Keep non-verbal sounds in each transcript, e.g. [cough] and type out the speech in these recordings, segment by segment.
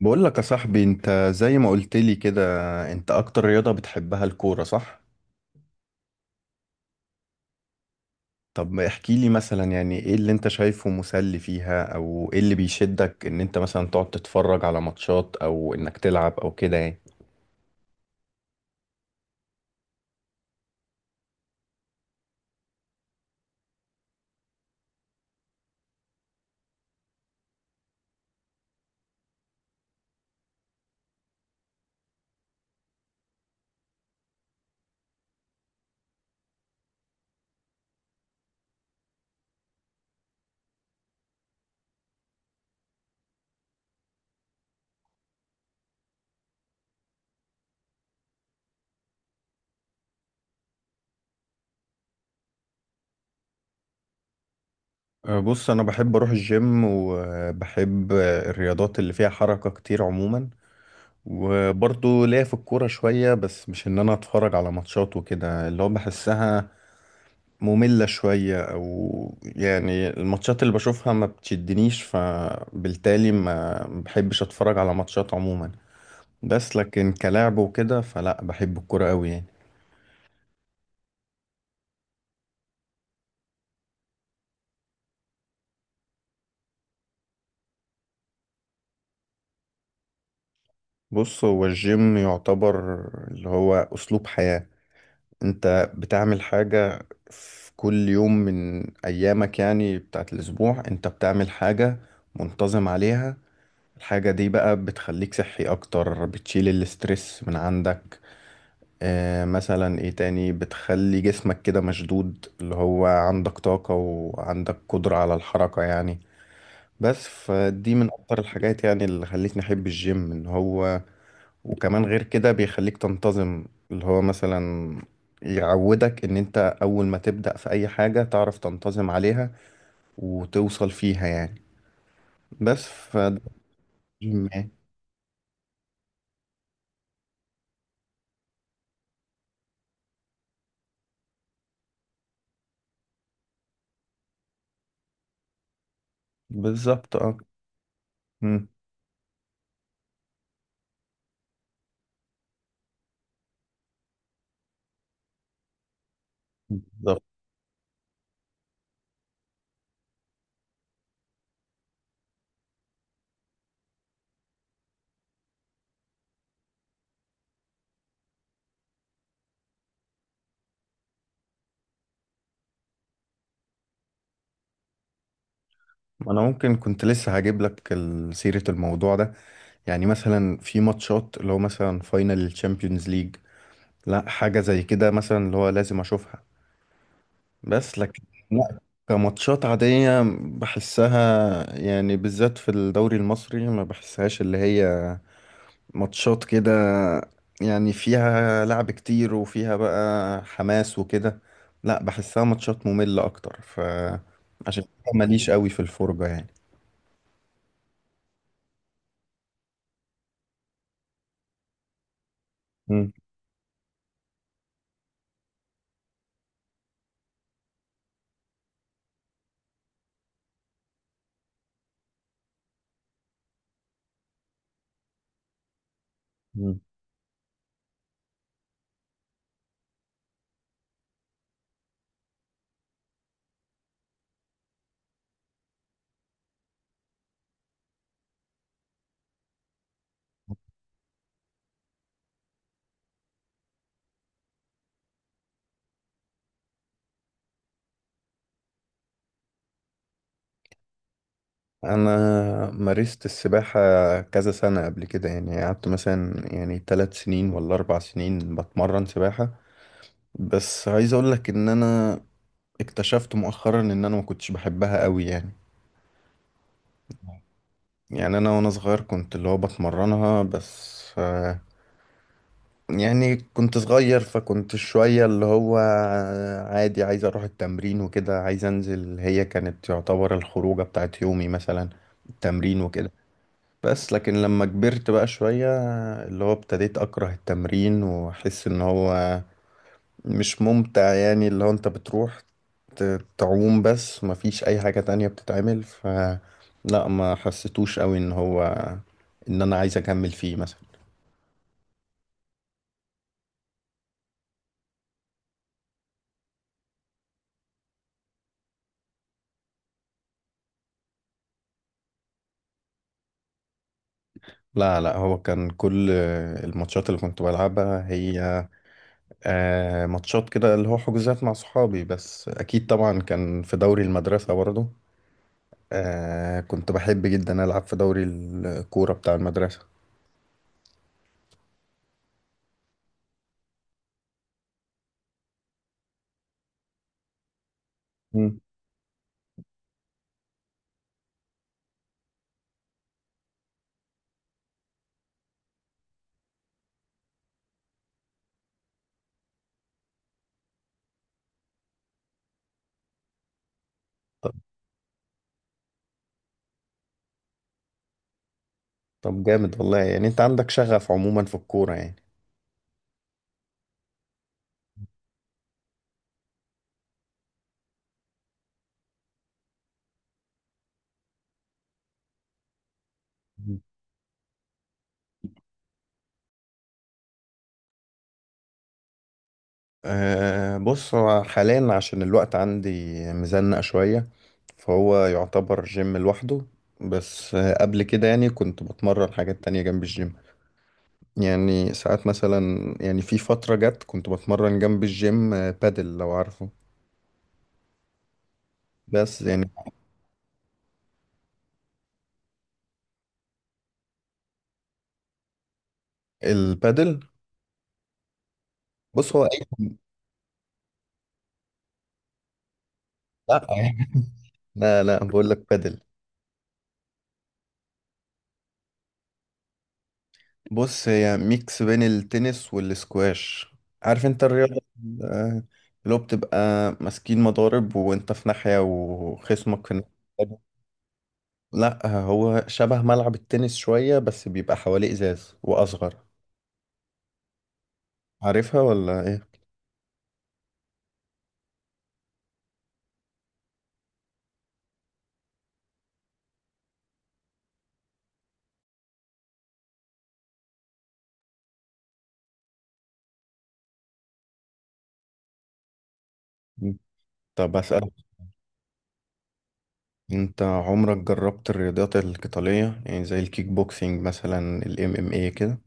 بقول لك يا صاحبي، انت زي ما قلت لي كده، انت اكتر رياضة بتحبها الكورة صح؟ طب احكي لي مثلا يعني ايه اللي انت شايفه مسلي فيها، او ايه اللي بيشدك ان انت مثلا تقعد تتفرج على ماتشات او انك تلعب او كده يعني. بص انا بحب اروح الجيم، وبحب الرياضات اللي فيها حركة كتير عموما. وبرضه ليا في الكورة شوية، بس مش ان انا اتفرج على ماتشات وكده، اللي هو بحسها مملة شوية أو يعني الماتشات اللي بشوفها ما بتشدنيش، فبالتالي ما بحبش أتفرج على ماتشات عموما. بس لكن كلاعب وكده فلا، بحب الكرة أوي يعني. بص هو الجيم يعتبر اللي هو أسلوب حياة. أنت بتعمل حاجة في كل يوم من أيامك، يعني بتاعت الأسبوع أنت بتعمل حاجة منتظم عليها. الحاجة دي بقى بتخليك صحي أكتر، بتشيل الاسترس من عندك. آه مثلا ايه تاني، بتخلي جسمك كده مشدود، اللي هو عندك طاقة وعندك قدرة على الحركة يعني. بس فدي من اكتر الحاجات يعني اللي خلتني احب الجيم ان هو وكمان غير كده بيخليك تنتظم. اللي هو مثلا يعودك ان انت اول ما تبدأ في اي حاجة تعرف تنتظم عليها، وتوصل فيها يعني. بس فده الجيم يعني. بالظبط اه. مم. بالظبط. انا ممكن كنت لسه هجيب لك سيرة الموضوع ده. يعني مثلا في ماتشات اللي هو مثلا فاينل الشامبيونز ليج، لا حاجة زي كده مثلا اللي هو لازم اشوفها. بس لكن لا، كماتشات عادية بحسها، يعني بالذات في الدوري المصري ما بحسهاش اللي هي ماتشات كده يعني فيها لعب كتير وفيها بقى حماس وكده. لا بحسها ماتشات مملة اكتر، ف عشان كده ماليش قوي في الفرجة يعني. مم. مم. انا مارست السباحة كذا سنة قبل كده، يعني قعدت مثلا يعني ثلاث سنين ولا اربع سنين بتمرن سباحة. بس عايز اقول لك ان انا اكتشفت مؤخرا ان انا ما كنتش بحبها قوي يعني. يعني انا وانا صغير كنت اللي هو بتمرنها، بس يعني كنت صغير فكنت شوية اللي هو عادي، عايز اروح التمرين وكده، عايز انزل، هي كانت تعتبر الخروجة بتاعت يومي مثلا التمرين وكده. بس لكن لما كبرت بقى شوية، اللي هو ابتديت أكره التمرين وأحس إن هو مش ممتع يعني، اللي هو أنت بتروح تعوم بس مفيش أي حاجة تانية بتتعمل، ف لا ما حسيتوش قوي إن هو إن أنا عايز أكمل فيه مثلا. لا لا، هو كان كل الماتشات اللي كنت بلعبها هي ماتشات كده اللي هو حجوزات مع صحابي، بس أكيد طبعا كان في دوري المدرسة برضه. آه كنت بحب جدا ألعب في دوري الكورة بتاع المدرسة. مم. طب طب جامد والله يعني، أنت عندك شغف عموما في الكورة يعني. مم. آه بص هو حاليا عشان الوقت عندي مزنق شوية، فهو يعتبر جيم لوحده. بس آه قبل كده يعني كنت بتمرن حاجات تانية جنب الجيم، يعني ساعات مثلا يعني في فترة جت كنت بتمرن جنب الجيم بادل لو عارفه. بس يعني البادل بص هو أي. لا [laughs] لا لا، بقول لك بادل. بص هي ميكس بين التنس والسكواش، عارف انت الرياضة اللي هو بتبقى ماسكين مضارب وانت في ناحية وخصمك في الناحية التانية. لا هو شبه ملعب التنس شوية، بس بيبقى حواليه ازاز واصغر. عارفها ولا ايه؟ مم. طب اسألك، انت عمرك جربت الرياضات القتالية، يعني زي الكيك بوكسينج مثلا، الام ام اي كده؟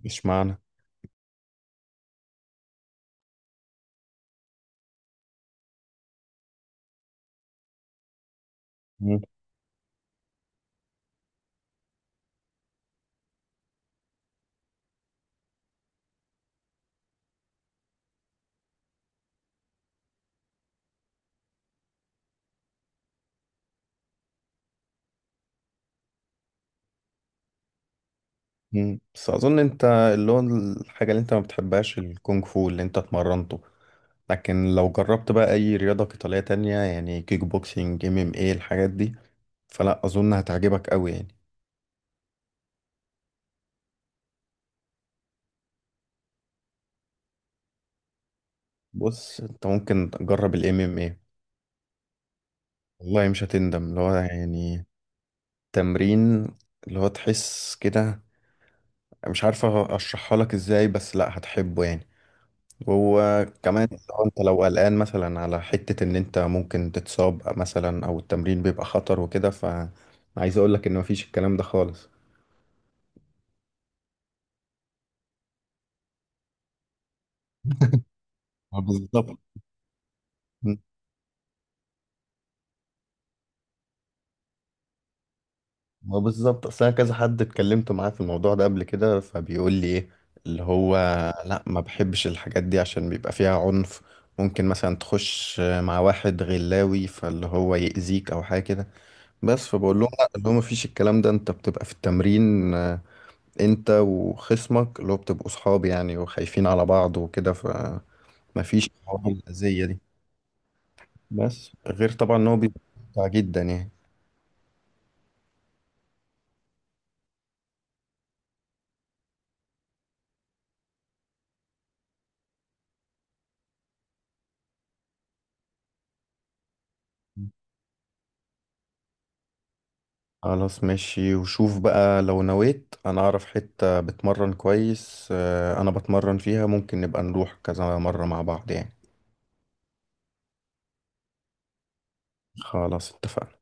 مش معنى. بس اظن انت اللي هو الحاجه اللي انت ما بتحبهاش الكونغ فو اللي انت اتمرنته، لكن لو جربت بقى اي رياضه قتاليه تانية يعني كيك بوكسينج، ام ام ايه، الحاجات دي، فلا اظن هتعجبك قوي يعني. بص انت ممكن تجرب الام ام ايه، والله مش هتندم، اللي هو يعني تمرين اللي هو تحس كده، مش عارفه اشرحها لك ازاي، بس لا هتحبه يعني. وكمان لو انت لو قلقان مثلا على حتة ان انت ممكن تتصاب مثلا او التمرين بيبقى خطر وكده، فعايز اقول لك ان مفيش الكلام ده خالص. ما بالظبط. ما بالظبط، اصل انا كذا حد اتكلمت معاه في الموضوع ده قبل كده، فبيقول لي ايه اللي هو لا ما بحبش الحاجات دي عشان بيبقى فيها عنف، ممكن مثلا تخش مع واحد غلاوي فاللي هو يأذيك او حاجة كده. بس فبقول لهم لا، اللي هو ما فيش الكلام ده، انت بتبقى في التمرين، انت وخصمك اللي هو بتبقوا صحاب يعني وخايفين على بعض وكده، فمفيش الحوارات الأذية دي. بس غير طبعا ان هو بيبقى ممتع جدا يعني. خلاص ماشي، وشوف بقى لو نويت، انا اعرف حتة بتمرن كويس، انا بتمرن فيها، ممكن نبقى نروح كذا مرة مع بعض يعني. خلاص اتفقنا.